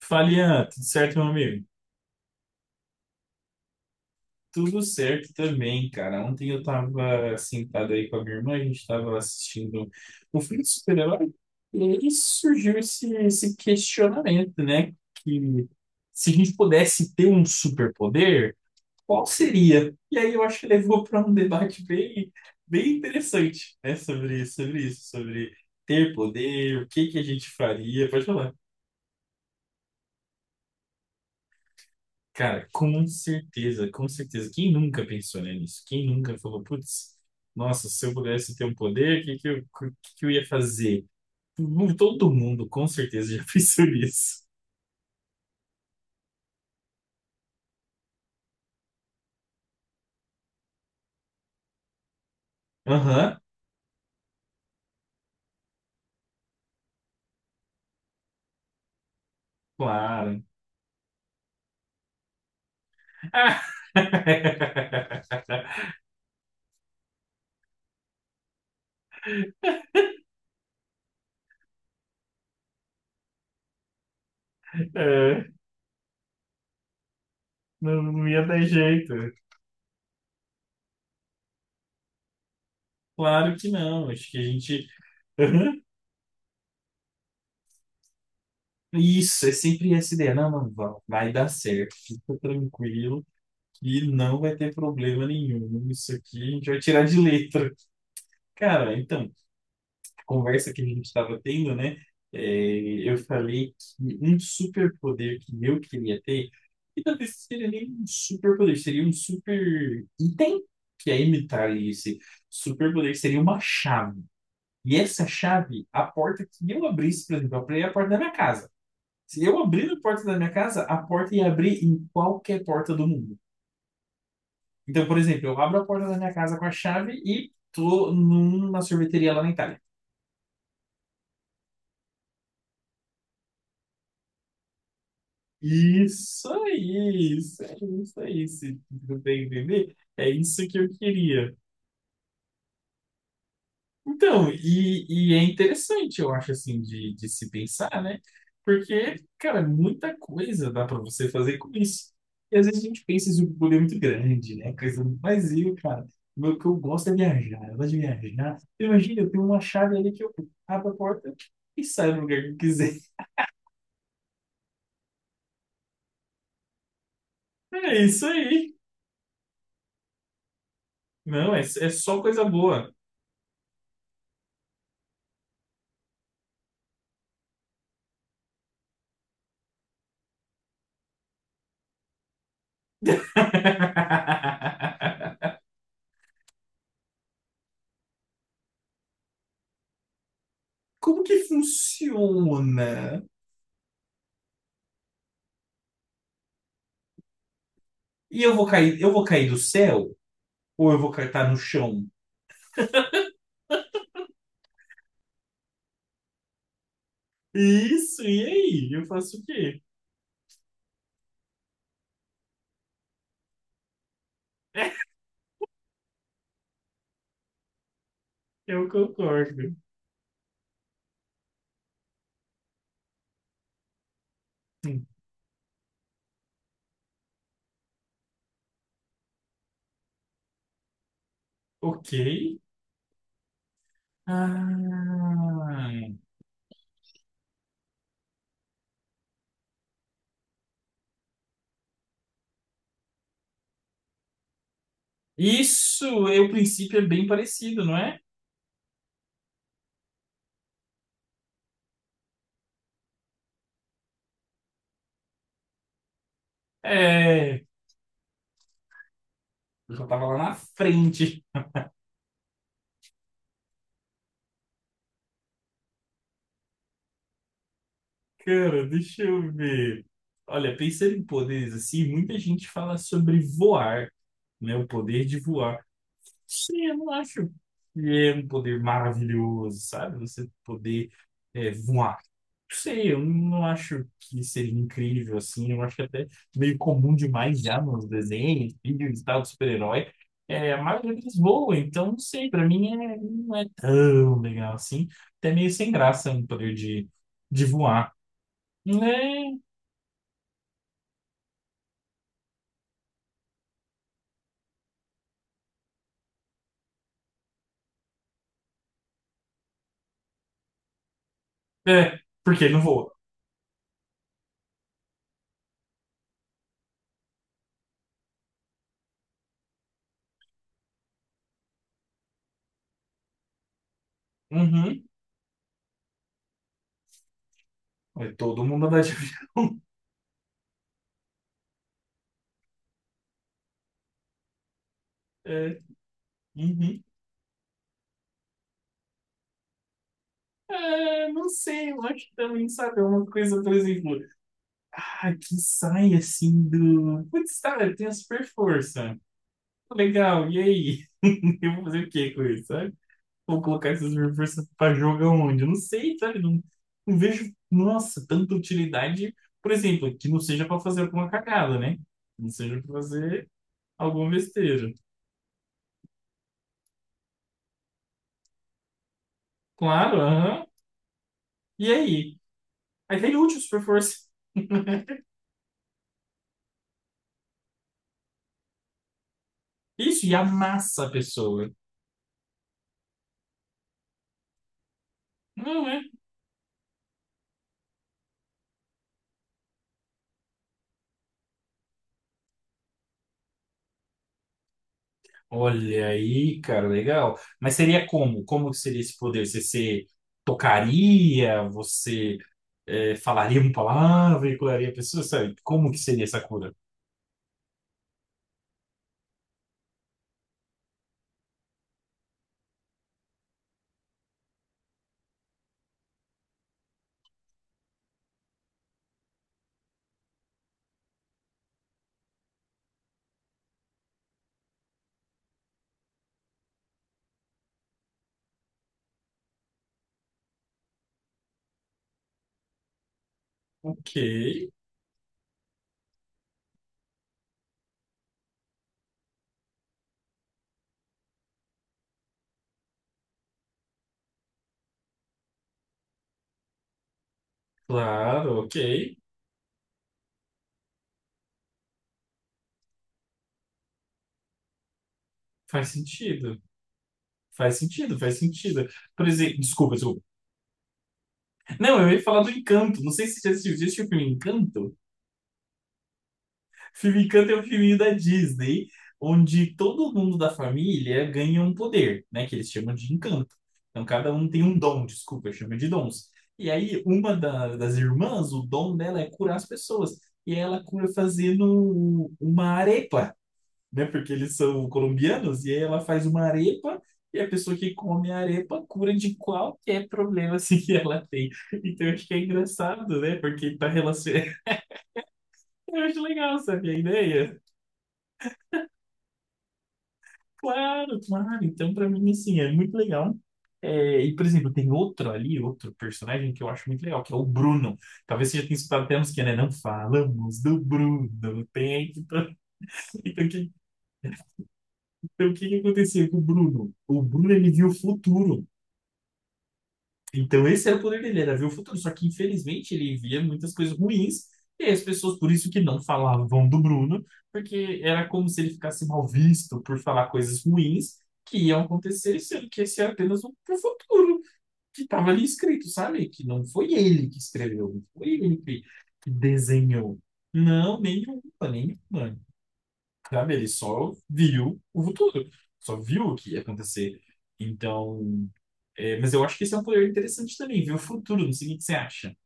Falian, tudo certo, meu amigo? Tudo certo também, cara. Ontem eu tava sentado aí com a minha irmã, a gente tava assistindo o filme de super-herói, e aí surgiu esse questionamento, né? Que se a gente pudesse ter um superpoder, qual seria? E aí eu acho que levou para um debate bem interessante, né? Sobre isso, sobre ter poder, o que que a gente faria. Pode falar. Cara, com certeza, com certeza. Quem nunca pensou, né, nisso? Quem nunca falou, putz, nossa, se eu pudesse ter um poder, o que que eu ia fazer? Todo mundo, com certeza, já pensou nisso. Aham, claro. Ah! É, não, não ia dar jeito. Claro que não. Acho que a gente. Aham. Isso, é sempre essa ideia. Não, não, vai dar certo. Fica tranquilo e não vai ter problema nenhum. Isso aqui a gente vai tirar de letra. Cara, então, conversa que a gente estava tendo, né? é, eu falei que um superpoder que eu queria ter, e talvez seria nem um superpoder, seria um super item que é imitar esse superpoder, seria uma chave. E essa chave, a porta que eu abrisse, por exemplo, eu abri a porta da minha casa. Se eu abrir a porta da minha casa, a porta ia abrir em qualquer porta do mundo. Então, por exemplo, eu abro a porta da minha casa com a chave e tô numa sorveteria lá na Itália. Isso aí, isso aí, isso aí, se tu tem entender, é isso que eu queria. Então, e é interessante, eu acho, assim, de se pensar, né? Porque, cara, muita coisa dá para você fazer com isso. E às vezes a gente pensa isso um poder muito grande, né? Coisa, mas eu, cara, o que eu gosto é viajar, eu gosto de viajar. Imagina, eu tenho uma chave ali que eu abro a porta e saio no lugar que eu quiser. É isso aí. Não, é, é só coisa boa. Como que funciona? E eu vou cair do céu? Ou eu vou cair, tá no chão? Isso, e aí? Eu faço o quê? Eu concordo. Hum, Ok. Ah, isso, é, o princípio é bem parecido, não é? É, eu já tava lá na frente. Cara, deixa eu ver. Olha, pensando em poderes assim, muita gente fala sobre voar, né? O poder de voar. Sim, eu não acho que é um poder maravilhoso, sabe? Você poder voar. Não sei, eu não acho que seja incrível assim. Eu acho que até meio comum demais já nos desenhos, filmes e tal, de super-herói. É, a maioria deles voa, então não sei, pra mim é, não é tão legal assim. Até meio sem graça um poder de voar. Né? É, porque ele não voa. Uhum. É todo mundo andar de avião. É. Uhum. É, não sei, eu acho que também, sabe, é uma coisa, por exemplo, ah, que sai assim do. Putz, tá, eu tenho a super força. Legal, e aí? Eu vou fazer o que com isso, sabe? Vou colocar essa super força pra jogar onde? Eu não sei, sabe? Não, não vejo, nossa, tanta utilidade, por exemplo, que não seja pra fazer alguma cagada, né? Não seja pra fazer alguma besteira. Claro, aham. E aí? Aí tem útil super força. Isso, e amassa a pessoa. Não, é. Olha aí, cara, legal. Mas seria como? Como que seria esse poder? Você, se tocaria? Você falaria uma palavra e curaria a pessoa? Sabe? Como que seria essa cura? Ok, claro, ok. Faz sentido. Faz sentido, faz sentido. Por exemplo, desculpa. Não, eu ia falar do Encanto. Não sei se você assistiu, você assistiu o filme Encanto. Filme Encanto é um filminho da Disney, onde todo mundo da família ganha um poder, né? Que eles chamam de encanto. Então cada um tem um dom, desculpa, chama de dons. E aí uma da- das irmãs, o dom dela é curar as pessoas. E ela cura fazendo uma arepa, né? Porque eles são colombianos, e aí ela faz uma arepa. E a pessoa que come a arepa cura de qualquer problema assim, que ela tem. Então eu acho que é engraçado, né? Porque tá relacionado. Eu acho legal, sabe, a ideia? Claro, claro. Então, pra mim, assim, é muito legal. É, e, por exemplo, tem outro ali, outro personagem que eu acho muito legal, que é o Bruno. Talvez você já tenha escutado até a música, né? Não falamos do Bruno. Tem... Então, o que, então, o que aconteceu com o Bruno? O Bruno, ele viu o futuro. Então, esse era o poder dele, era ver o futuro. Só que, infelizmente, ele via muitas coisas ruins. E as pessoas, por isso que não falavam do Bruno, porque era como se ele ficasse mal visto por falar coisas ruins que iam acontecer, sendo que esse era apenas um pro futuro que estava ali escrito, sabe? Que não foi ele que escreveu, não foi ele que desenhou. Não, nenhuma, nenhuma. Sabe? Ele só viu o futuro, só viu o que ia acontecer. Então, é, mas eu acho que esse é um poder interessante também, ver o futuro, não sei o que você acha.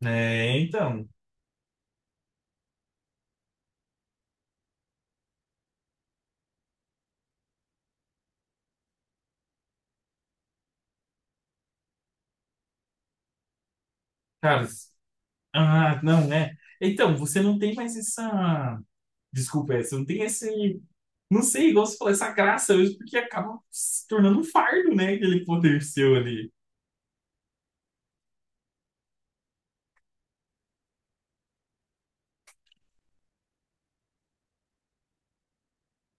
É, então, cara, s- ah, não, é. Então, você não tem mais essa. Desculpa, é, você não tem esse. Não sei, igual você falou, essa graça mesmo, porque acaba se tornando um fardo, né? Aquele poder seu ali.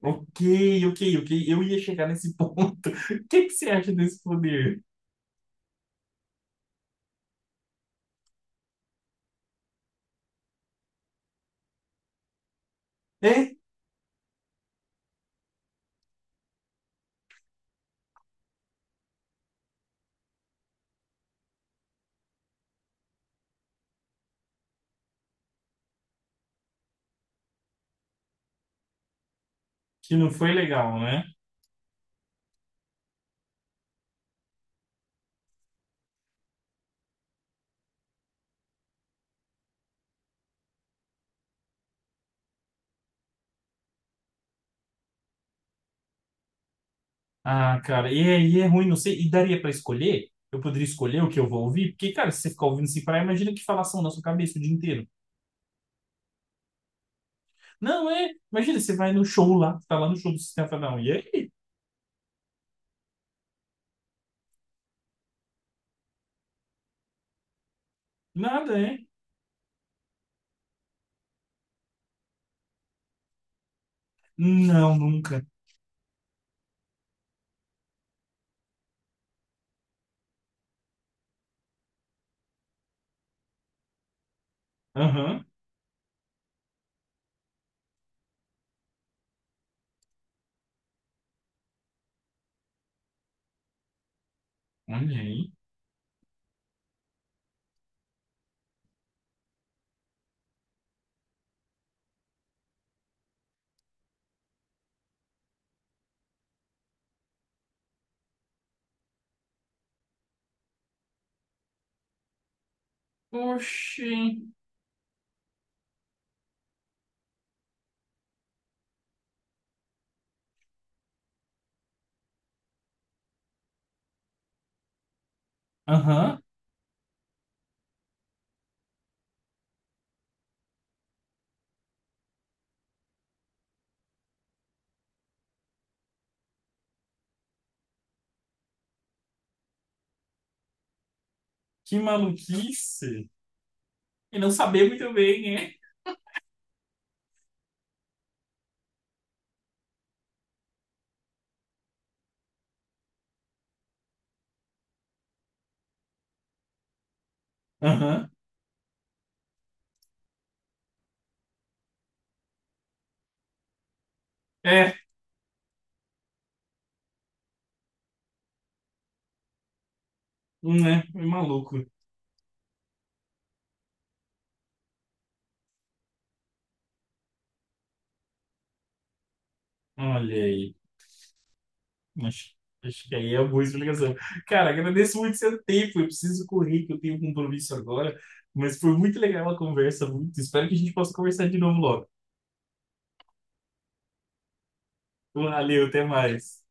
Ok, ok, ok. Eu ia chegar nesse ponto. O que que você acha desse poder? É, que não foi legal, né? Ah, cara, e é ruim, não sei. E daria pra escolher? Eu poderia escolher o que eu vou ouvir? Porque, cara, se você ficar ouvindo sem parar, imagina que falação na sua cabeça o dia inteiro. Não, é. Imagina, você vai no show lá, tá lá no show do Sistema Fadão. E aí? Nada, é? Não, nunca. Aham. Olha aí. Oxi. Aham. Que maluquice. E não saber muito bem, é? Aham. É, né? É é maluco. Olha aí. Acho, acho que aí é uma boa explicação. Cara, agradeço muito seu tempo. Eu preciso correr, que eu tenho um compromisso agora. Mas foi muito legal a conversa, muito. Espero que a gente possa conversar de novo logo. Valeu, até mais.